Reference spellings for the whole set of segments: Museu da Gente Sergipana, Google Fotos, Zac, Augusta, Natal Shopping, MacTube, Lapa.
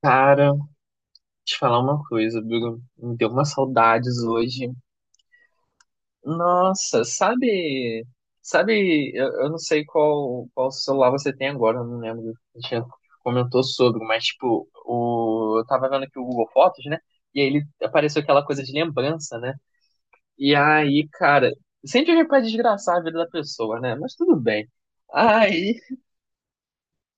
Cara, te falar uma coisa, Bruno. Me deu umas saudades hoje. Nossa, sabe? Sabe, eu não sei qual celular você tem agora, eu não lembro. A gente já comentou sobre, mas tipo, eu tava vendo aqui o Google Fotos, né? E aí ele apareceu aquela coisa de lembrança, né? E aí, cara, sempre a gente pode desgraçar a vida da pessoa, né? Mas tudo bem. Aí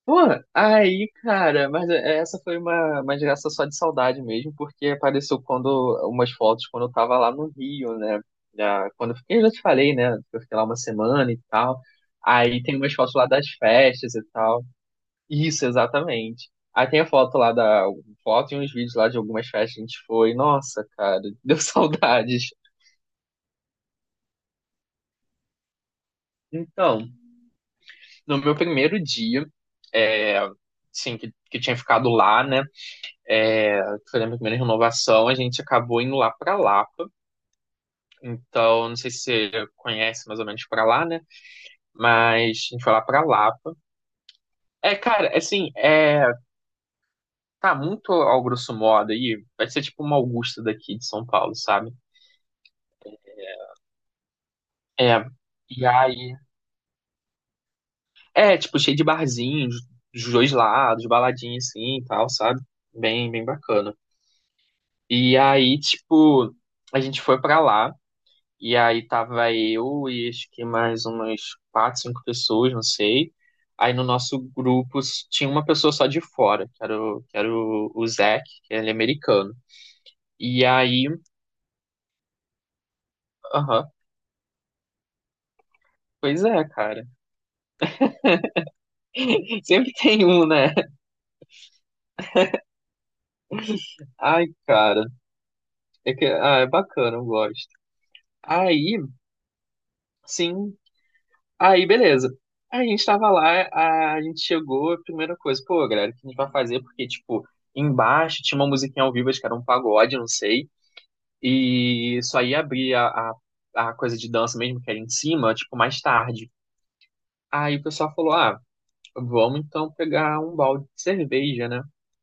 Pô, aí, cara, mas é, essa foi uma geração só de saudade mesmo, porque apareceu quando umas fotos quando eu tava lá no Rio, né? Quando eu fiquei, eu já te falei, né? que Eu fiquei lá uma semana e tal. Aí tem umas fotos lá das festas e tal. Isso, exatamente. Aí tem a foto lá da um foto e uns vídeos lá de algumas festas que a gente foi. Nossa, cara, deu saudades. Então, no meu primeiro dia, é, assim, que eu tinha ficado lá, né? Que foi a minha primeira renovação, a gente acabou indo lá para Lapa. Então, não sei se você conhece mais ou menos para lá, né? Mas a gente foi lá para Lapa. É, cara, assim, tá muito ao grosso modo aí. Vai ser tipo uma Augusta daqui de São Paulo, sabe? É, e aí. É, tipo, cheio de barzinhos dos dois lados, baladinha assim e tal, sabe? Bem, bem bacana. E aí, tipo, a gente foi pra lá. E aí tava eu e acho que mais umas quatro, cinco pessoas, não sei. Aí no nosso grupo tinha uma pessoa só de fora, o Zac, que ele é americano. E aí, aham, pois é, cara. Sempre tem um, né? Ai, cara. É que, é bacana, eu gosto. Aí, sim, aí beleza. Aí a gente tava lá, a gente chegou, a primeira coisa, pô, galera, o que a gente vai fazer? Porque, tipo, embaixo tinha uma musiquinha ao vivo, acho que era um pagode, não sei. E só ia abrir a coisa de dança mesmo, que era em cima, tipo, mais tarde. Aí o pessoal falou, vamos então pegar um balde de cerveja, né?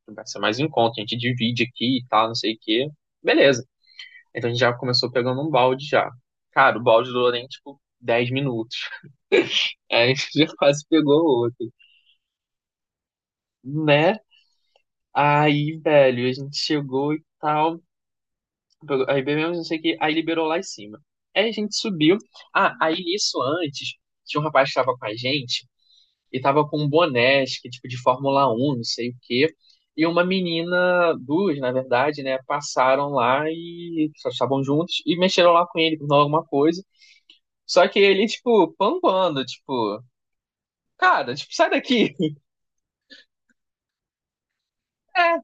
Vai ser mais um encontro, a gente divide aqui e tal, não sei o quê. Beleza. Então a gente já começou pegando um balde já. Cara, o balde durou nem, tipo, 10 minutos. Aí a gente já quase pegou outro, né? Aí, velho, a gente chegou e tal. Aí bebemos, não sei o que, aí liberou lá em cima. Aí a gente subiu. Ah, aí isso antes, tinha um rapaz que tava com a gente e tava com um boné, acho que tipo de Fórmula 1 não sei o quê. E uma menina, duas, na verdade, né, passaram lá e só estavam juntos e mexeram lá com ele, perguntaram alguma coisa. Só que ele, tipo, pambando, tipo, cara, tipo, sai daqui. É,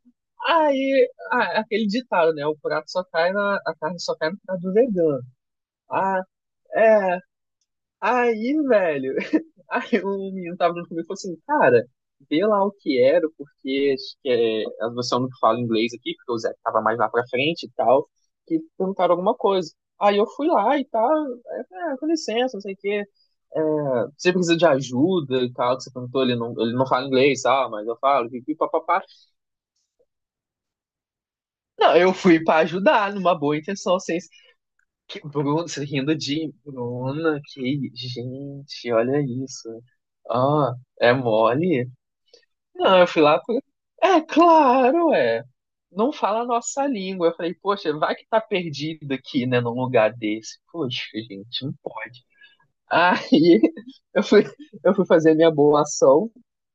aí, aquele ditado, né, o prato só cai na, a carne só cai no prato do vegano. Ah, é. Aí, velho, aí o menino tava junto comigo e falou assim, cara, vê lá o que era, porque acho que a versão não fala inglês aqui, porque o Zé tava mais lá pra frente e tal, que perguntaram alguma coisa. Aí eu fui lá e tal, com licença, não sei o quê, é, você precisa de ajuda e tal, que você perguntou, ele não fala inglês, ah, mas eu falo, e papapá. Não, eu fui pra ajudar, numa boa intenção, sem... Que Bruno, você rindo de Bruna, que gente, olha isso. Ah, é mole? Não, eu fui lá por... É claro, é. Não fala a nossa língua. Eu falei, poxa, vai que tá perdido aqui, né, num lugar desse. Poxa, gente, não pode. Aí eu fui, eu fui fazer minha boa ação,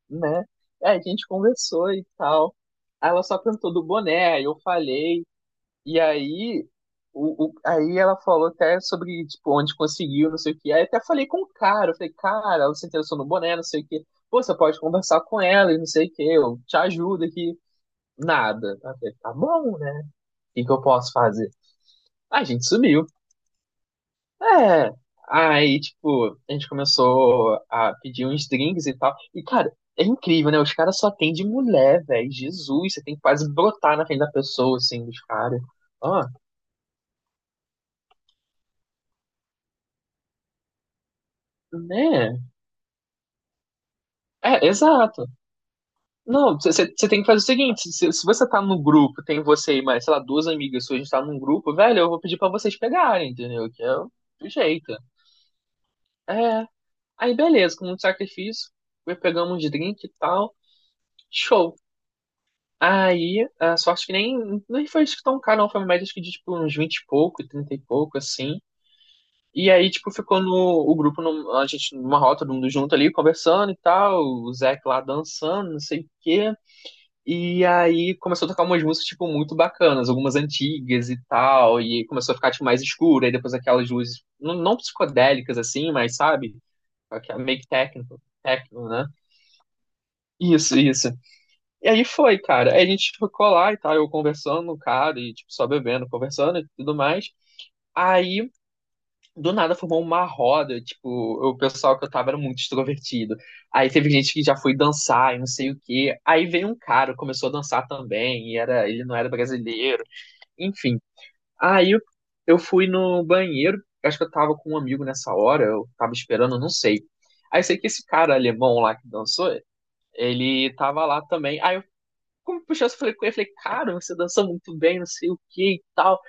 né? Aí a gente conversou e tal. Aí ela só perguntou do boné, aí eu falei. E aí, aí ela falou até sobre, tipo, onde conseguiu, não sei o quê. Aí até falei com o cara, eu falei, cara, ela se interessou no boné, não sei o quê. Pô, você pode conversar com ela e não sei o quê, eu te ajudo aqui. Nada. Aí eu falei, tá bom, né? O que que eu posso fazer? A gente sumiu. É. Aí, tipo, a gente começou a pedir uns drinks e tal. E, cara, é incrível, né? Os caras só tem de mulher, velho. Jesus, você tem que quase brotar na frente da pessoa, assim, dos caras. Ó, né? É, exato. Não, você tem que fazer o seguinte: se você tá no grupo, tem você e mais, sei lá, duas amigas suas, a gente tá num grupo, velho, eu vou pedir pra vocês pegarem, entendeu? Que é o jeito. É. Aí, beleza, com muito sacrifício, foi, pegamos uns drink e tal, show. Aí, a sorte que nem foi isso que tão caro, não, foi uma média acho que de tipo uns 20 e pouco, 30 e pouco, assim. E aí, tipo, ficou no, o grupo, a gente numa rota, todo mundo junto ali, conversando e tal, o Zé lá dançando, não sei o quê. E aí começou a tocar umas músicas, tipo, muito bacanas, algumas antigas e tal, e começou a ficar, tipo, mais escuro, aí depois aquelas luzes, não psicodélicas assim, mas sabe? Aquela meio que técnico, técnico, né? Isso, isso. E aí foi, cara. Aí a gente ficou lá e tal, eu conversando com o cara, e, tipo, só bebendo, conversando e tudo mais. Aí do nada formou uma roda, tipo, o pessoal que eu tava era muito extrovertido. Aí teve gente que já foi dançar e não sei o quê. Aí veio um cara, começou a dançar também, e era, ele não era brasileiro, enfim. Aí eu fui no banheiro, acho que eu tava com um amigo nessa hora, eu tava esperando, não sei. Aí sei que esse cara alemão lá que dançou, ele tava lá também. Aí como puxou, eu falei com ele, falei, cara, você dança muito bem, não sei o que e tal.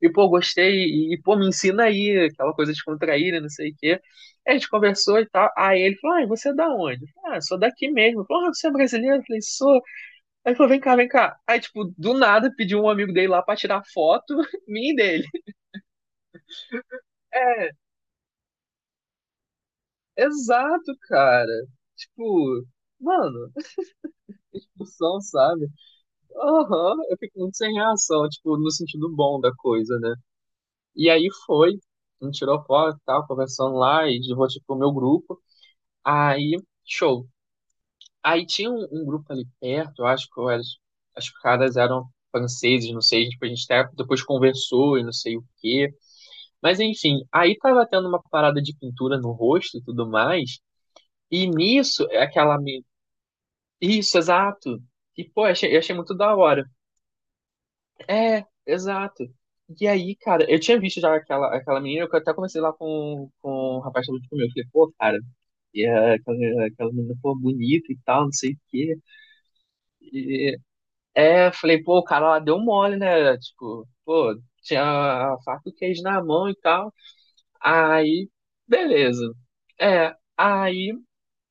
E, pô, gostei, e, pô, me ensina aí, aquela coisa de contrair, né, não sei o que. A gente conversou e tal. Aí ele falou, ah, e você é da onde? Eu falei, ah, sou daqui mesmo. Ele falou, ah, você é brasileiro? Eu falei, sou. Aí ele falou, vem cá, vem cá. Aí, tipo, do nada, pediu um amigo dele lá pra tirar foto, mim e dele. É, exato, cara. Tipo, mano, discussão, sabe? Aham, eu fico muito sem reação, tipo, no sentido bom da coisa, né? E aí foi, a gente tirou foto e tal, conversando lá, e de rosto pro meu grupo. Aí, show. Aí tinha um grupo ali perto, eu acho que eu era- as caras eram franceses, não sei, tipo, a gente até depois conversou e não sei o quê. Mas enfim, aí tava tendo uma parada de pintura no rosto e tudo mais, e nisso, é aquela... me- Isso, exato. E, pô, eu achei muito da hora. É, exato. E aí, cara, eu tinha visto já aquela menina, eu até conversei lá com o rapaz que tava junto comigo. Eu falei, pô, cara, e, aquela, menina, pô, bonita e tal, não sei o quê. É, eu falei, pô, o cara lá deu mole, né? Tipo, pô, tinha a faca e o queijo na mão e tal. Aí, beleza. É, aí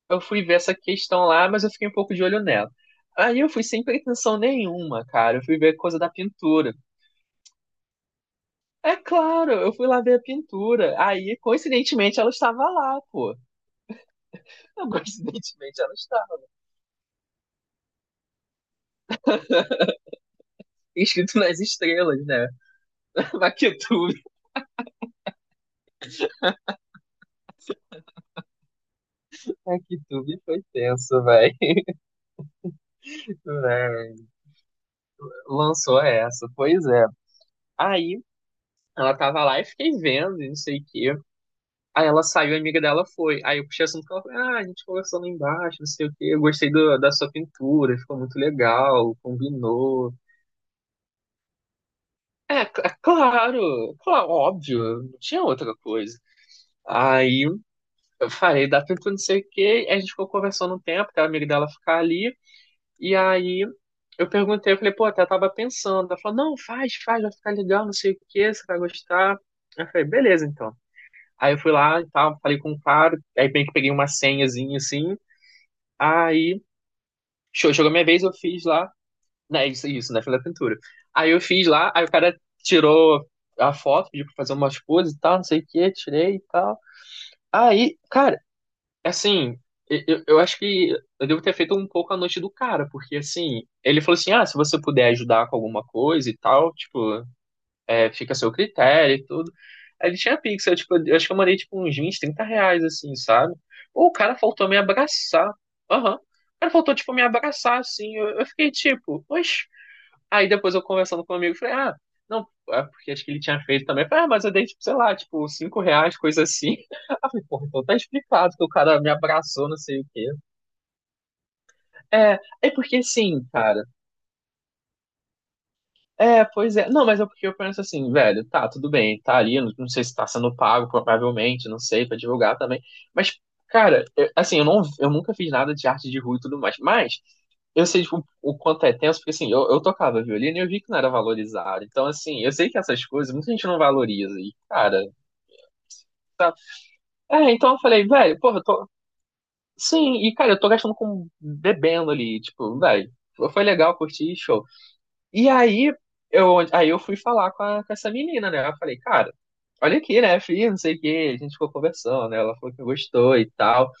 eu fui ver essa questão lá, mas eu fiquei um pouco de olho nela. Aí eu fui sem pretensão nenhuma, cara. Eu fui ver coisa da pintura. É claro, eu fui lá ver a pintura. Aí, coincidentemente, ela estava lá, pô. Coincidentemente, ela estava. Escrito nas estrelas, né? MacTube. MacTube foi tenso, velho. Lançou essa, pois é. Aí, ela tava lá e fiquei vendo, e não sei o quê. Aí ela saiu, a amiga dela foi. Aí eu puxei assunto com ela, falei, ah, a gente conversou lá embaixo, não sei o quê. Eu gostei do- da sua pintura, ficou muito legal, combinou. É, é claro, claro, óbvio, não tinha outra coisa. Aí eu falei, dá tempo, não sei o quê. A gente ficou conversando um tempo, até a amiga dela ficar ali. E aí eu perguntei, eu falei, pô, até tava pensando. Ela falou, não, faz, faz, vai ficar legal, não sei o quê, você vai gostar. Eu falei, beleza, então. Aí eu fui lá e tal, falei com o cara, aí bem que peguei uma senhazinha assim. Aí, show, chegou a minha vez, eu fiz lá. Né, isso, né? Falei da pintura. Aí eu fiz lá, aí o cara tirou a foto, pediu pra fazer umas poses e tal, não sei o quê, tirei e tal. Aí, cara. Assim, eu acho que eu devo ter feito um pouco a noite do cara, porque assim, ele falou assim, ah, se você puder ajudar com alguma coisa e tal, tipo, é, fica a seu critério e tudo. Aí ele tinha Pix, eu, tipo, eu acho que eu mandei tipo uns 20, R$ 30, assim, sabe? Ou o cara faltou me abraçar. Aham. O cara faltou, tipo, me abraçar, assim. Eu fiquei tipo, oxe. Aí depois eu conversando com um amigo, falei, ah, não, é porque acho que ele tinha feito também. Eu falei, ah, mas eu dei, tipo, sei lá, tipo, R$ 5, coisa assim. Aí eu falei, porra, então tá explicado que o cara me abraçou, não sei o quê. É, é porque sim, cara. É, pois é. Não, mas é porque eu penso assim, velho, tá, tudo bem, tá ali, não, não sei se tá sendo pago, provavelmente, não sei, pra divulgar também. Mas, cara, assim, eu, não, eu nunca fiz nada de arte de rua e tudo mais, mas eu sei, tipo, o quanto é tenso, porque assim, eu tocava violino e eu vi que não era valorizado. Então, assim, eu sei que essas coisas muita gente não valoriza. E, cara, tá. É, então eu falei, velho, porra, eu tô. Sim, e cara, eu tô gastando com bebendo ali, tipo, velho, foi legal, curti, show. E aí eu fui falar com, com essa menina, né? Eu falei, cara, olha aqui, né, filho, não sei o quê. A gente ficou conversando, né? Ela falou que gostou e tal.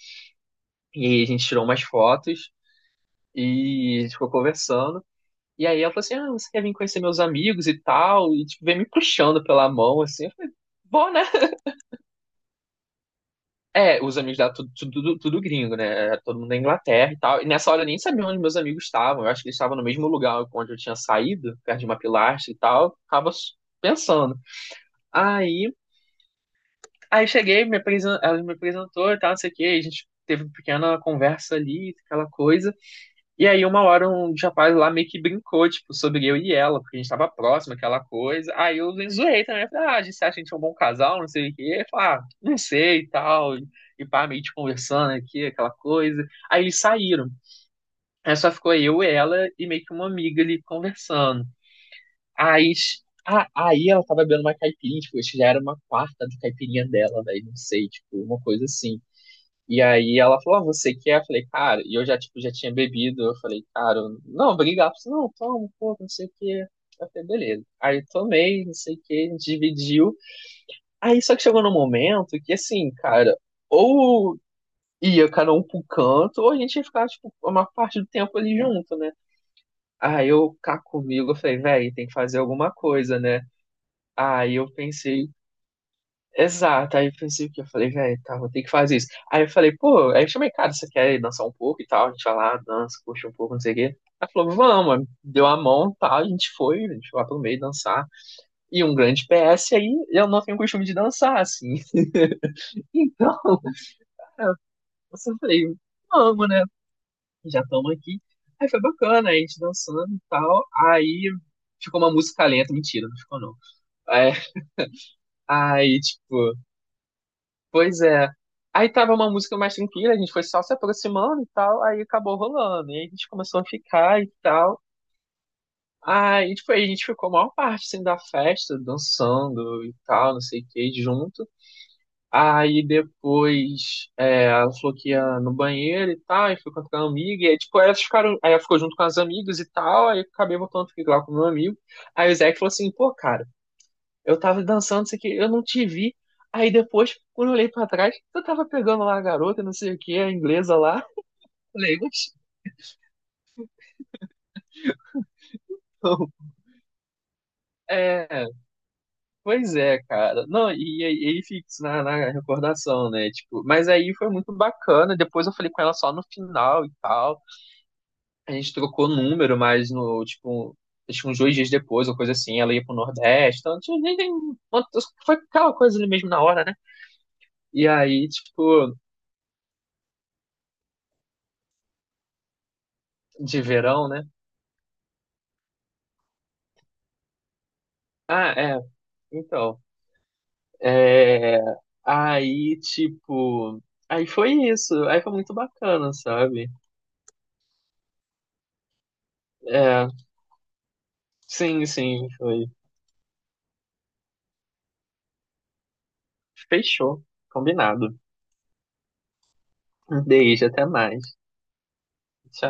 E a gente tirou umas fotos e a gente ficou conversando. E aí ela falou assim: ah, você quer vir conhecer meus amigos e tal? E tipo, vem me puxando pela mão, assim. Eu falei, bom, né? É, os amigos dela, tudo, tudo, tudo gringo, né? Todo mundo da Inglaterra e tal. E nessa hora eu nem sabia onde meus amigos estavam. Eu acho que eles estavam no mesmo lugar onde eu tinha saído, perto de uma pilastra e tal. Tava pensando. Aí, aí, cheguei, ela me apresentou e tal, não sei o quê. A gente teve uma pequena conversa ali, aquela coisa. E aí, uma hora, um dos rapazes lá meio que brincou, tipo, sobre eu e ela, porque a gente tava próximo, aquela coisa. Aí eu zoei também, falei, ah, a gente acha que a gente é um bom casal, não sei o quê. Ele falou, ah, não sei e tal. E pá, meio que conversando aqui, aquela coisa. Aí eles saíram. Aí só ficou eu, ela e meio que uma amiga ali conversando. Aí, ah, aí ela tava bebendo uma caipirinha, tipo, acho que já era uma quarta da caipirinha dela, velho, não sei, tipo, uma coisa assim. E aí ela falou, ah, você quer? Eu falei, cara, e eu já, tipo, já tinha bebido. Eu falei, cara, não, obrigado. Ela falou, não, toma um pouco, não sei o quê. Eu falei, beleza. Aí eu tomei, não sei o quê, a gente dividiu. Aí só que chegou num momento que, assim, cara, ou ia cada um pro canto, ou a gente ia ficar, tipo, uma parte do tempo ali junto, né? Aí eu cá comigo, eu falei, velho, tem que fazer alguma coisa, né? Aí eu pensei Exato, aí eu pensei que eu falei, velho, tá, vou ter que fazer isso. Aí eu falei, pô, aí eu chamei, cara, você quer dançar um pouco e tal? A gente vai lá, dança, curte um pouco, não sei o quê. Ela falou, vamos, deu a mão e tal, a gente foi lá pro meio dançar. E um grande PS, aí eu não tenho costume de dançar, assim. Então, eu só falei, vamos, né? Já estamos aqui. Aí foi bacana, aí a gente dançando e tal. Aí ficou uma música lenta, mentira, não ficou não. É, aí, tipo, pois é. Aí tava uma música mais tranquila, a gente foi só se aproximando e tal, aí acabou rolando. E aí a gente começou a ficar e tal. Aí, tipo, aí a gente ficou a maior parte, assim, da festa, dançando e tal, não sei o que, junto. Aí depois é, ela falou que ia no banheiro e tal, e foi com a amiga, e aí, tipo, elas ficaram, aí ela ficou junto com as amigas e tal, aí eu acabei voltando a ficar lá com o meu amigo. Aí o Zé falou assim, pô, cara, eu tava dançando, não sei o que, eu não te vi. Aí depois, quando eu olhei pra trás, eu tava pegando lá a garota, não sei o que, a inglesa lá. Falei, mas. Não. É, pois é, cara. Não, e aí ele fica na recordação, né? Tipo, mas aí foi muito bacana. Depois eu falei com ela só no final e tal. A gente trocou número, mas no, tipo, acho que uns 2 dias depois, ou coisa assim, ela ia pro Nordeste. Então, tipo, nem foi aquela coisa ali mesmo na hora, né? E aí, tipo, de verão, né? Ah, é, então. É, aí, tipo, aí foi isso. Aí foi muito bacana, sabe? É, sim, sim, foi. Fechou. Combinado. Um beijo, até mais. Tchau.